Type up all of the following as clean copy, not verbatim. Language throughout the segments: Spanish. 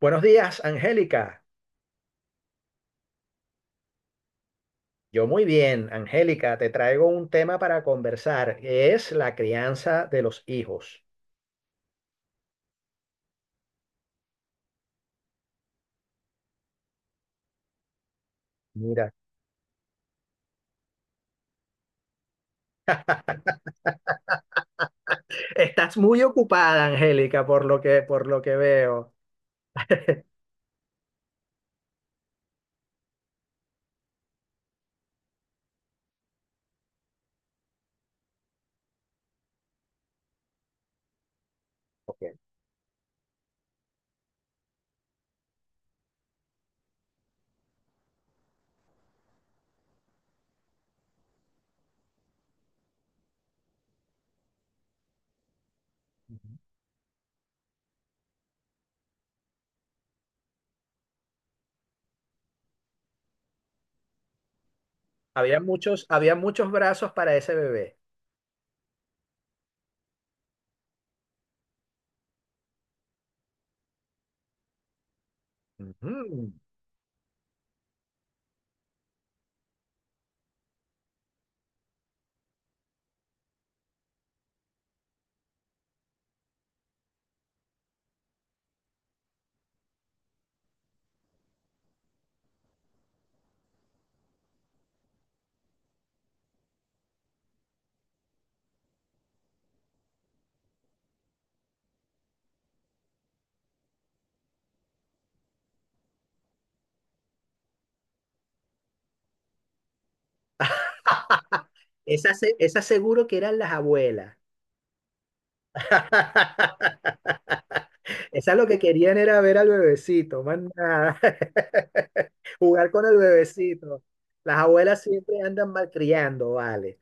Buenos días, Angélica. Yo muy bien, Angélica, te traigo un tema para conversar, que es la crianza de los hijos. Mira, estás muy ocupada, Angélica, por lo que veo. Ok. Ujú. Había muchos brazos para ese bebé. Ujú. Esa seguro que eran las abuelas. Esa lo que querían era ver al bebecito, más nada. Jugar con el bebecito. Las abuelas siempre andan malcriando, vale.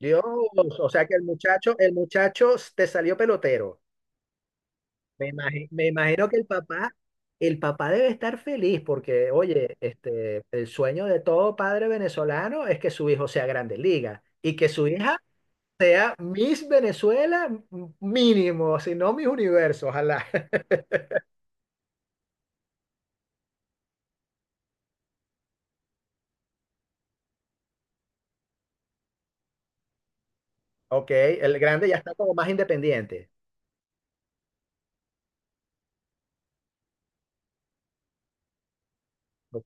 Dios, o sea que el muchacho te salió pelotero. Me imagino que el papá debe estar feliz porque, oye, este, el sueño de todo padre venezolano es que su hijo sea grande liga y que su hija sea Miss Venezuela mínimo, si no Miss Universo, ojalá. Ok, el grande ya está como más independiente. Ok,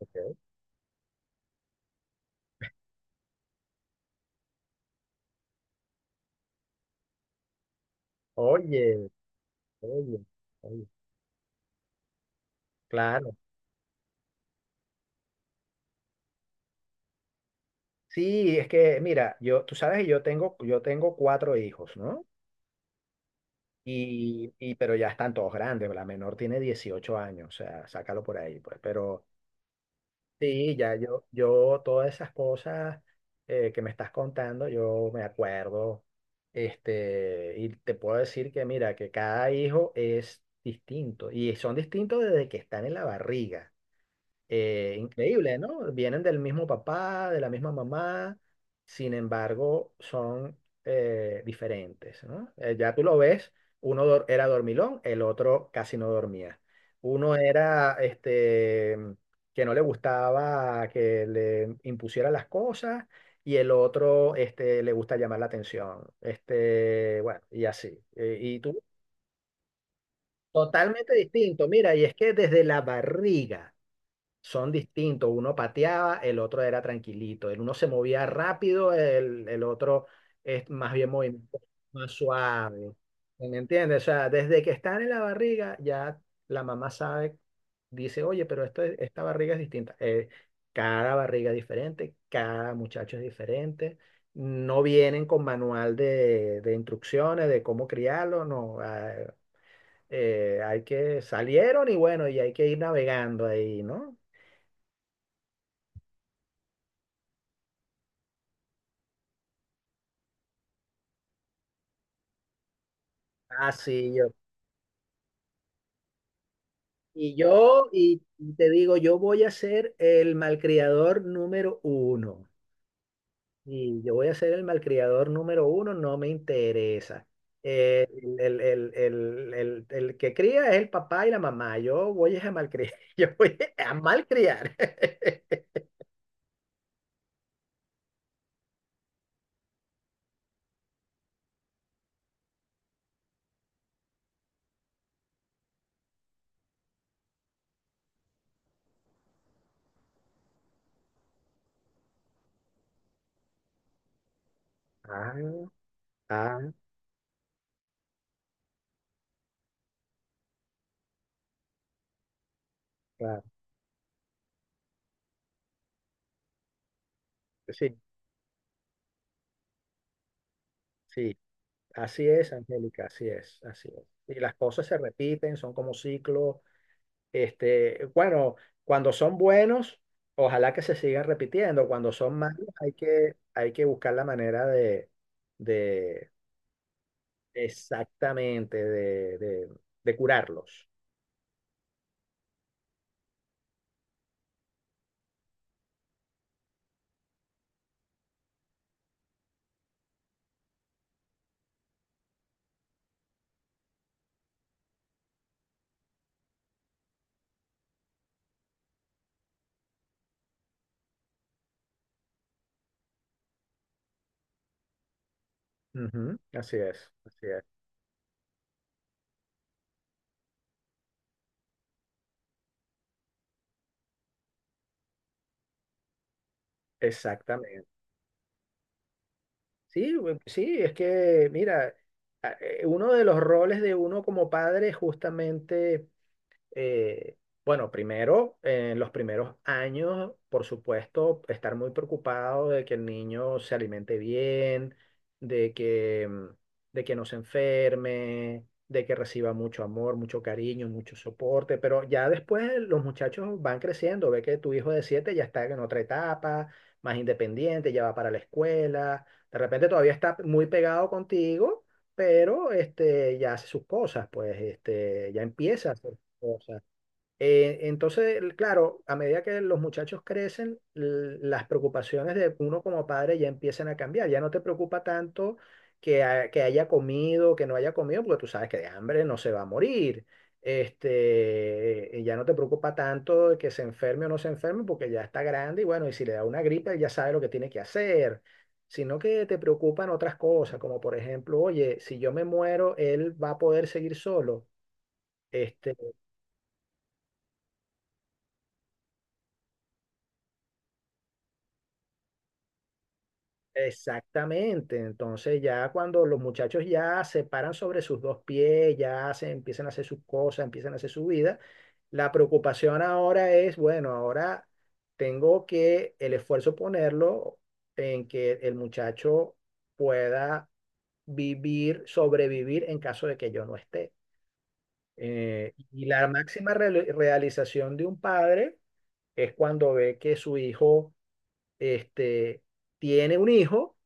ok. Oye, oye, oye. Claro. Sí, es que, mira, yo, tú sabes que yo tengo cuatro hijos, ¿no? Pero ya están todos grandes. La menor tiene 18 años, o sea, sácalo por ahí, pues. Pero sí, ya todas esas cosas que me estás contando, yo me acuerdo. Este, y te puedo decir que, mira, que cada hijo es distinto. Y son distintos desde que están en la barriga. Increíble, ¿no? Vienen del mismo papá, de la misma mamá, sin embargo, son diferentes, ¿no? Ya tú lo ves, era dormilón, el otro casi no dormía. Uno era este, que no le gustaba que le impusieran las cosas y el otro este, le gusta llamar la atención. Este, bueno, y así. Eh, y tú, totalmente distinto, mira, y es que desde la barriga son distintos. Uno pateaba, el otro era tranquilito. El uno se movía rápido, el otro es más bien movimiento más suave. ¿Sí? ¿Me entiendes? O sea, desde que están en la barriga, ya la mamá sabe, dice, oye, pero esto, esta barriga es distinta. Cada barriga es diferente, cada muchacho es diferente. No vienen con manual de instrucciones de cómo criarlo, no. Hay que salieron y bueno, y hay que ir navegando ahí, ¿no? Ah, sí, yo. Y yo, y te digo, yo voy a ser el malcriador número uno. Y yo voy a ser el malcriador número uno, no me interesa. Eh, el que cría es el papá y la mamá. Yo voy a malcriar. Yo voy a malcriar. Ah, ah, claro. Sí, sí. Así es, Angélica, así es, así es. Y las cosas se repiten, son como ciclos. Este, bueno, cuando son buenos, ojalá que se sigan repitiendo. Cuando son malos, hay que buscar la manera de exactamente, de curarlos. Ujú, así es, así es, exactamente. Sí, sí, es que, mira, uno de los roles de uno como padre es justamente eh, bueno, primero, en los primeros años, por supuesto, estar muy preocupado de que el niño se alimente bien, de que, mm, de que no se enferme, de que reciba mucho amor, mucho cariño, mucho soporte, pero ya después los muchachos van creciendo, ve que tu hijo de 7 ya está en otra etapa, más independiente, ya va para la escuela, de repente todavía está muy pegado contigo pero este, ya hace sus cosas, pues este, ya empieza cosa. Entonces, claro, a medida que los muchachos crecen, las preocupaciones de uno como padre ya empiezan a cambiar. Ya no te preocupa tanto que, que haya comido, que no haya comido, porque tú sabes que de hambre no se va a morir. Este, y ya no te preocupa tanto de que se enferme o no se enferme, porque ya está grande y bueno, y si le da una gripe, ya sabe lo que tiene que hacer. Sino que te preocupan otras cosas, como por ejemplo, oye, si yo me muero, él va a poder seguir solo. este Exactamente, entonces ya cuando los muchachos ya se paran sobre sus dos pies, ya hacen, empiezan a hacer sus cosas, empiezan a hacer su vida, la preocupación ahora es, bueno, ahora tengo que el esfuerzo ponerlo en que el muchacho pueda vivir, sobrevivir en caso de que yo no esté. Y la máxima realización de un padre es cuando ve que su hijo, este, tiene un hijo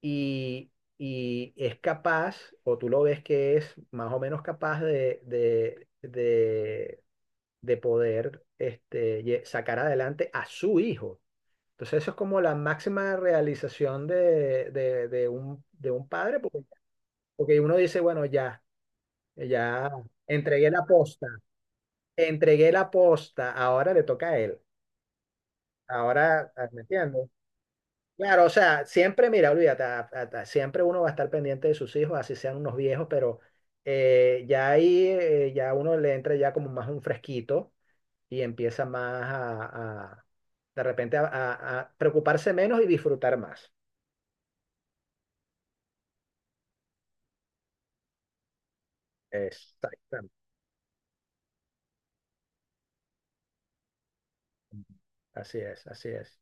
y, y es capaz, o tú lo ves que es más o menos capaz de poder sacar adelante a su hijo. Entonces eso es como la máxima realización de un padre, porque, uno dice, bueno, ya entregué la posta, entregué la posta, ahora le toca a él. Ahora, ¿me entiendes? Claro, o sea, siempre, mira, olvídate, siempre uno va a estar pendiente de sus hijos, así sean unos viejos, pero ya ahí, ya uno le entra ya como más un fresquito y empieza más de repente a preocuparse menos y disfrutar más. Exactamente. Así es, así es.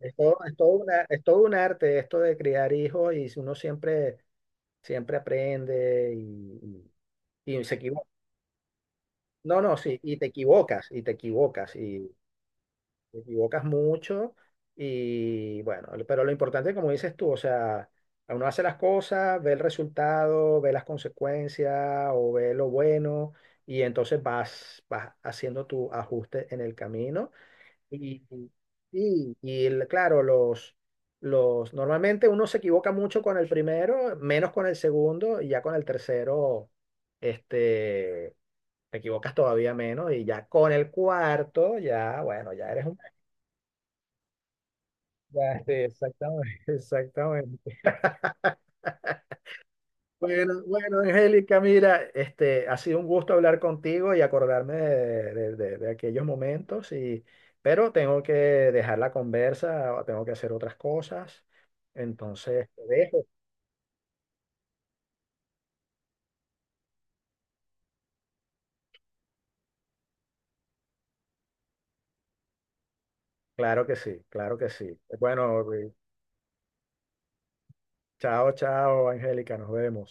Es todo un arte esto de criar hijos y uno siempre, siempre aprende y se equivoca. No, no, sí, y te equivocas mucho y bueno, pero lo importante, como dices tú, o sea, uno hace las cosas, ve el resultado, ve las consecuencias o ve lo bueno y entonces vas haciendo tu ajuste en el camino y, y, claro, los... normalmente uno se equivoca mucho con el primero, menos con el segundo, y ya con el tercero, este, te equivocas todavía menos, y ya con el cuarto, ya, bueno, ya eres un ya, sí, exactamente, exactamente. Bueno, bueno, Angélica, mira, este, ha sido un gusto hablar contigo y acordarme de aquellos momentos, pero tengo que dejar la conversa, o tengo que hacer otras cosas, entonces te dejo. Claro que sí, claro que sí. Bueno, chao, chao, Angélica, nos vemos.